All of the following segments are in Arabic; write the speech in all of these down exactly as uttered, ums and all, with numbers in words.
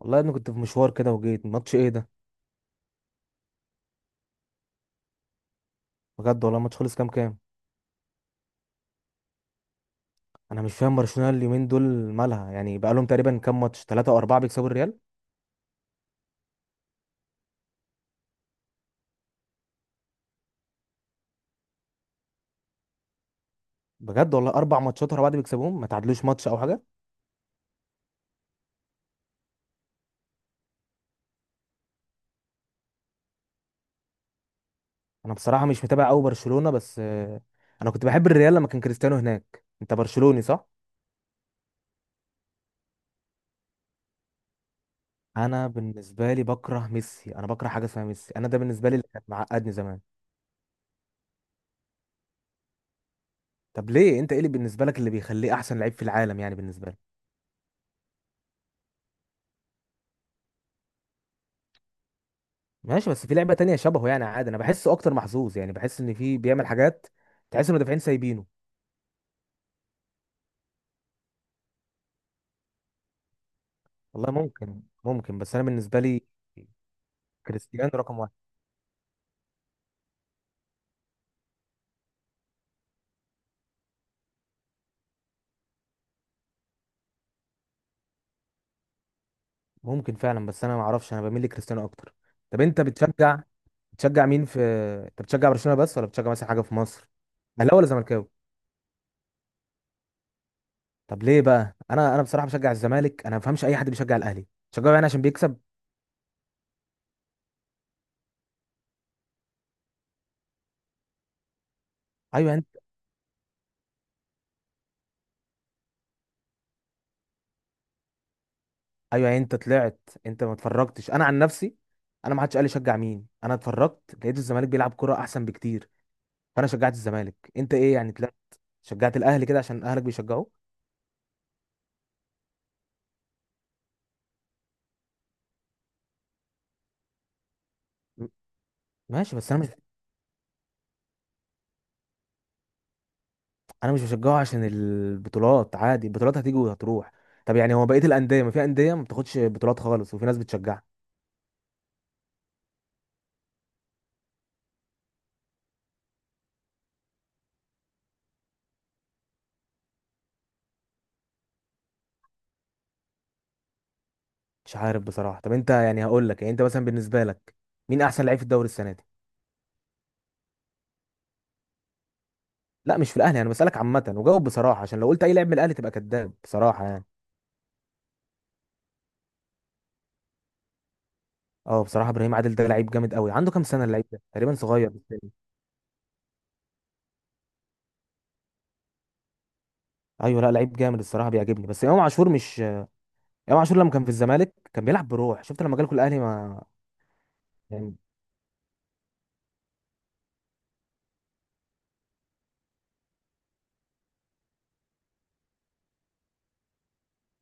والله انا كنت في مشوار كده وجيت. ماتش ايه ده؟ بجد والله، ماتش خلص كام كام؟ انا مش فاهم برشلونة اليومين دول مالها يعني. بقالهم تقريبا كام ماتش، ثلاثة او اربعة، بيكسبوا الريال؟ بجد والله، اربع ماتشات ورا بعض بيكسبوهم، ما تعادلوش ماتش او حاجة؟ انا بصراحة مش متابع قوي برشلونة، بس آه، انا كنت بحب الريال لما كان كريستيانو هناك. انت برشلوني صح؟ انا بالنسبة لي بكره ميسي، انا بكره حاجة اسمها ميسي، انا ده بالنسبة لي اللي كان معقدني زمان. طب ليه؟ انت ايه اللي بالنسبة لك اللي بيخليه احسن لعيب في العالم يعني بالنسبة لك؟ ماشي، بس في لعبة تانية شبهه يعني، عادي. انا بحسه اكتر محظوظ، يعني بحس ان في بيعمل حاجات، تحس ان المدافعين سايبينه. والله ممكن ممكن، بس انا بالنسبة لي. كريستيانو رقم واحد. ممكن فعلا، بس انا ما اعرفش، انا بميل لكريستيانو اكتر. طب انت بتشجع؟ بتشجع مين في انت بتشجع برشلونة بس، ولا بتشجع مثلا حاجة في مصر؟ اهلاوي ولا زملكاوي؟ طب ليه بقى؟ انا انا بصراحة بشجع الزمالك. انا ما بفهمش اي حد بيشجع الاهلي. بتشجعه يعني عشان بيكسب؟ ايوه. ايوه يعني انت طلعت، انت ما اتفرجتش. انا عن نفسي، انا ما حدش قال لي شجع مين، انا اتفرجت لقيت الزمالك بيلعب كرة احسن بكتير، فانا شجعت الزمالك. انت ايه يعني؟ طلعت شجعت الاهلي كده عشان اهلك بيشجعوه؟ م- ماشي، بس انا مش انا مش بشجعه عشان البطولات، عادي، البطولات هتيجي وهتروح. طب يعني هو بقية الاندية؟ ما في اندية ما بتاخدش بطولات خالص وفي ناس بتشجعها. مش عارف بصراحة. طب انت يعني، هقول لك، يعني انت مثلا بالنسبة لك مين احسن لعيب في الدوري السنة دي؟ لا، مش في الاهلي، انا بسألك عامة، وجاوب بصراحة، عشان لو قلت اي لاعب من الاهلي تبقى كذاب بصراحة يعني. اه بصراحه ابراهيم عادل ده لعيب جامد قوي. عنده كام سنه اللعيب ده؟ تقريبا صغير بالتالي. ايوه، لا لعيب جامد الصراحه، بيعجبني. بس امام عاشور مش، امام عاشور لما كان في الزمالك كان بيلعب بروح. شفت لما جالكوا الاهلي؟ ما يعني،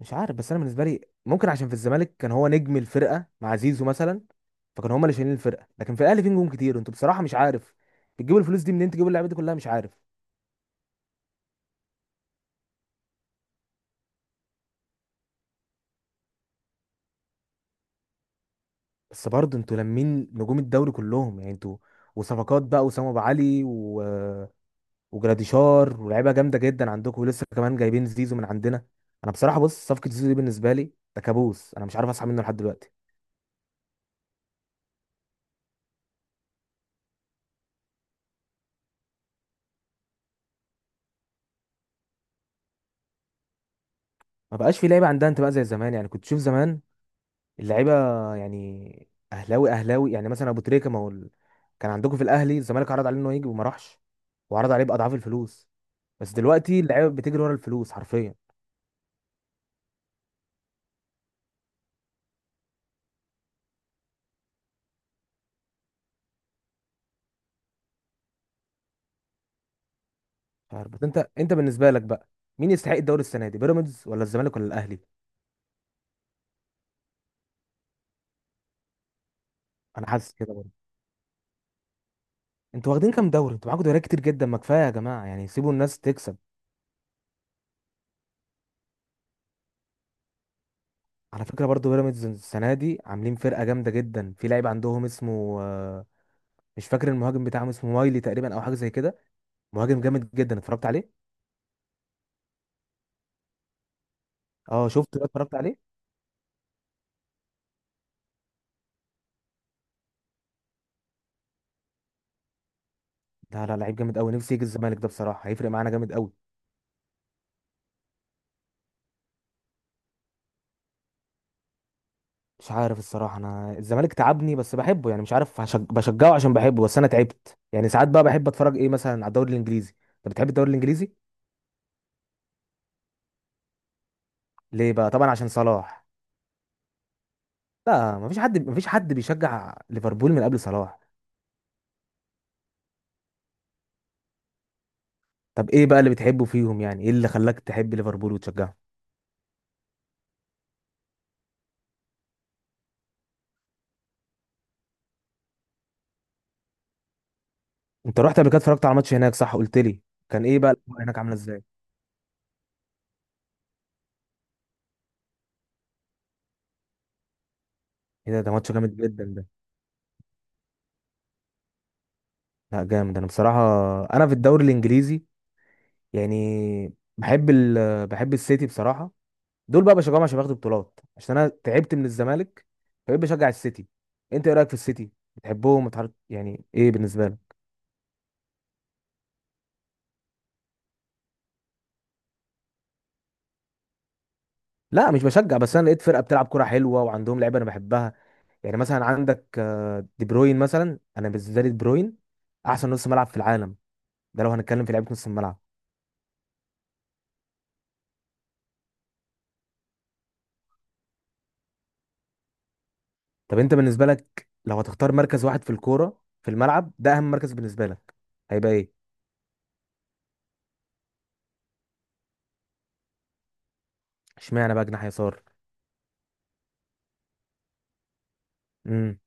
مش عارف. بس انا بالنسبه لي، ممكن عشان في الزمالك كان هو نجم الفرقه مع زيزو مثلا، فكانوا هما اللي شايلين الفرقه. لكن في الاهلي في نجوم كتير. انتوا بصراحه مش عارف بتجيبوا الفلوس دي منين، تجيبوا اللعيبه دي كلها. مش عارف، بس برضه انتوا لمين نجوم الدوري كلهم يعني انتوا. وصفقات بقى، وسام ابو علي و... وجراديشار، ولاعيبه جامده جدا عندكم، ولسه كمان جايبين زيزو من عندنا. انا بصراحه بص، صفقه زيزو دي بالنسبه لي ده كابوس، انا مش عارف اصحى منه لحد دلوقتي. ما بقاش في لعيبه عندها انتماء زي زمان. يعني كنت تشوف زمان اللعيبه يعني اهلاوي اهلاوي. يعني مثلا ابو تريكه، ما هو ال- كان عندكم في الاهلي، الزمالك عرض عليه انه يجي وما راحش، وعرض عليه باضعاف الفلوس. بس دلوقتي اللعيبه بتجري ورا الفلوس حرفيا. مش عارف، بس انت انت بالنسبه لك بقى مين يستحق الدوري السنه دي، بيراميدز ولا الزمالك ولا الاهلي؟ انا حاسس كده برضه. انتوا واخدين كام دوري؟ انتوا معاكم دوريات كتير جدا. ما كفايه يا جماعه يعني، سيبوا الناس تكسب. على فكره برضو بيراميدز السنه دي عاملين فرقه جامده جدا. في لعيب عندهم اسمه آه، مش فاكر، المهاجم بتاعهم اسمه مايلي تقريبا، او حاجه زي كده. مهاجم جامد جدا، اتفرجت عليه. اه شفت ده، اتفرجت عليه. لا لا لعيب جامد قوي، نفسي يجي الزمالك ده بصراحه، هيفرق معانا جامد قوي. مش عارف الصراحه، انا الزمالك تعبني، بس بحبه يعني. مش عارف هشج... بشجعه عشان بحبه، بس انا تعبت يعني. ساعات بقى بحب اتفرج ايه، مثلا على الدوري الانجليزي. انت بتحب الدوري الانجليزي؟ ليه بقى، طبعا عشان صلاح؟ لا، مفيش حد مفيش حد بيشجع ليفربول من قبل صلاح؟ طب ايه بقى اللي بتحبه فيهم؟ يعني ايه اللي خلاك تحب ليفربول وتشجعه؟ انت رحت قبل كده اتفرجت على ماتش هناك صح، قلت لي؟ كان ايه بقى الاجواء هناك عامله ازاي؟ ايه ده، ده ماتش جامد جدا ده. لا جامد. انا بصراحه انا في الدوري الانجليزي يعني بحب ال... بحب السيتي بصراحه. دول بقى بشجعهم عشان بياخدوا بطولات، عشان انا تعبت من الزمالك، فبقيت بشجع السيتي. انت ايه رايك في السيتي؟ بتحبهم؟ بتعرف يعني ايه بالنسبه لك؟ لا مش بشجع، بس انا لقيت فرقه بتلعب كره حلوه وعندهم لعيبه انا بحبها. يعني مثلا عندك آه، دي بروين مثلا. انا بالنسبه لي دي بروين احسن نص ملعب في العالم، ده لو هنتكلم في لعيبه نص الملعب. طب انت بالنسبه لك لو هتختار مركز واحد في الكوره في الملعب، ده اهم مركز بالنسبه لك هيبقى ايه؟ اشمعنى بقى جناح يسار؟ امم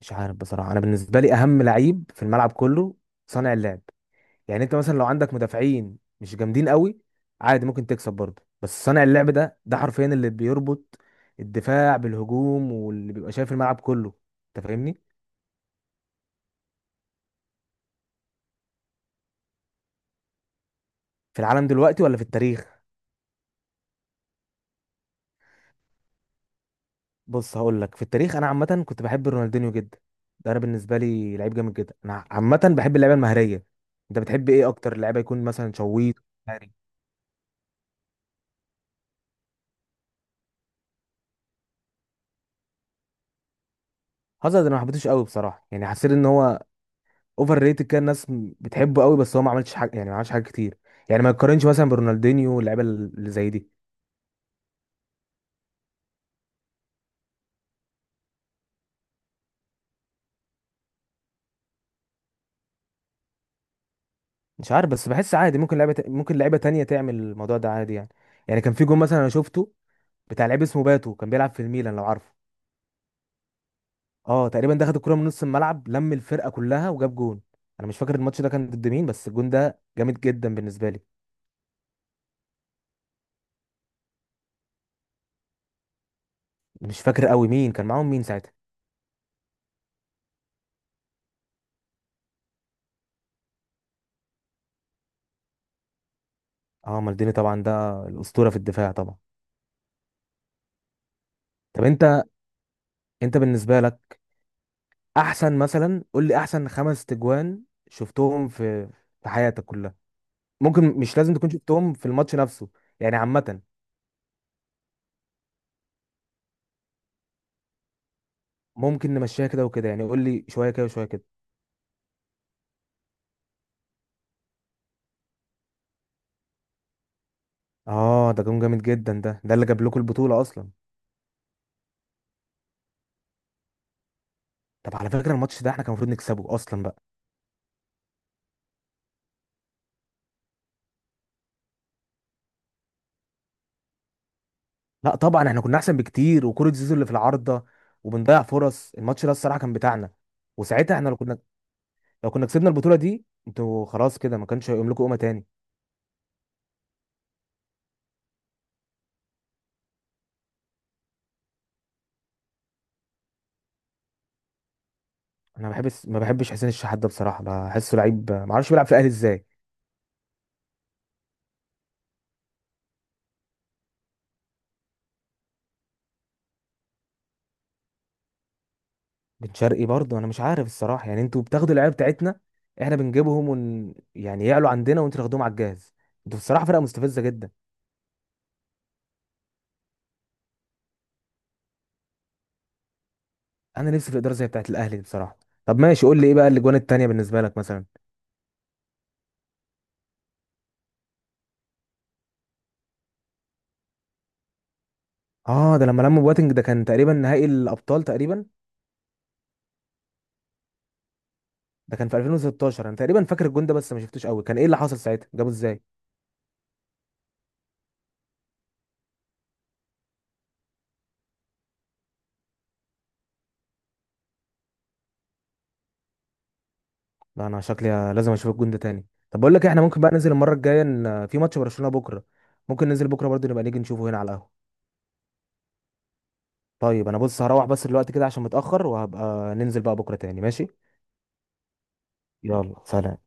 مش عارف بصراحه، انا بالنسبه لي اهم لعيب في الملعب كله صانع اللعب. يعني انت مثلا لو عندك مدافعين مش جامدين قوي، عادي ممكن تكسب برضه، بس صانع اللعب ده ده حرفيا اللي بيربط الدفاع بالهجوم، واللي بيبقى شايف الملعب كله. انت فاهمني؟ في العالم دلوقتي ولا في التاريخ؟ بص هقول لك، في التاريخ انا عامه كنت بحب رونالدينيو جدا. ده انا بالنسبه لي لعيب جامد جدا. انا عامه بحب اللعيبه المهاريه. انت بتحب ايه اكتر، لعيبه يكون مثلا شويط مهاري؟ هازارد انا ما حبيتهوش قوي بصراحه. يعني حسيت ان هو اوفر ريتد كده، الناس م- بتحبه قوي بس هو ما عملش حاجه يعني، ما عملش حاجه كتير. يعني ما يقارنش مثلا برونالدينيو واللعيبه اللي زي دي. مش عارف، بس بحس عادي ممكن لعيبه ت- ممكن لعيبه تانية تعمل الموضوع ده عادي يعني. يعني كان في جون مثلا انا شفته بتاع لعيب اسمه باتو، كان بيلعب في الميلان لو عارفه. اه تقريبا، ده خد الكرة من نص الملعب، لم الفرقة كلها وجاب جون. انا مش فاكر الماتش ده كان ضد مين، بس الجون ده جامد جدا بالنسبة لي. مش فاكر قوي مين كان معاهم مين ساعتها. اه مالديني طبعا، ده الأسطورة في الدفاع طبعا. طب انت انت بالنسبة لك احسن، مثلا قول لي احسن خمس تجوان شفتهم في، في حياتك كلها. ممكن مش لازم تكون شفتهم في الماتش نفسه، يعني عامة. ممكن نمشيها كده وكده يعني، قول لي شوية كده وشوية كده. اه ده جون جامد جدا، ده ده اللي جاب لكم البطولة اصلا. طب على فكرة الماتش ده احنا كان المفروض نكسبه اصلا بقى. لا طبعا احنا كنا احسن بكتير، وكرة زيزو اللي في العارضة، وبنضيع فرص، الماتش ده الصراحة كان بتاعنا. وساعتها احنا لو كنا، لو كنا كسبنا البطولة دي، انتوا خلاص كده ما كانش هيقوم لكم قومة تاني. انا ما بحبش ما بحبش حسين الشحات ده بصراحة، بحسه لعيب ما اعرفش بيلعب في الاهلي ازاي. بن شرقي برضه انا مش عارف الصراحة. يعني انتوا بتاخدوا اللعيبة بتاعتنا، احنا بنجيبهم ون... يعني يعلوا عندنا وانتوا تاخدوهم على الجاهز. انتوا بصراحة فرقة مستفزة جدا. انا نفسي في ادارة زي بتاعت الاهلي دي بصراحة. طب ماشي، قول لي ايه بقى الاجوان التانية بالنسبة لك مثلا؟ اه ده لما لموا بواتنج، ده كان تقريبا نهائي الابطال تقريبا. ده كان في الفين وستة عشر انا تقريبا فاكر الجون ده، بس ما شفتوش قوي، كان ايه اللي حصل ساعتها، جابه ازاي؟ لا انا شكلي لازم اشوف الجون ده تاني. طب بقول لك إيه، احنا ممكن بقى ننزل المره الجايه، إن- في ماتش برشلونه بكره، ممكن ننزل بكره برضه، نبقى نيجي نشوفه هنا على القهوه. طيب انا بص هروح بس دلوقتي كده عشان متاخر، وهبقى ننزل بقى بكره تاني ماشي. يلا سلام.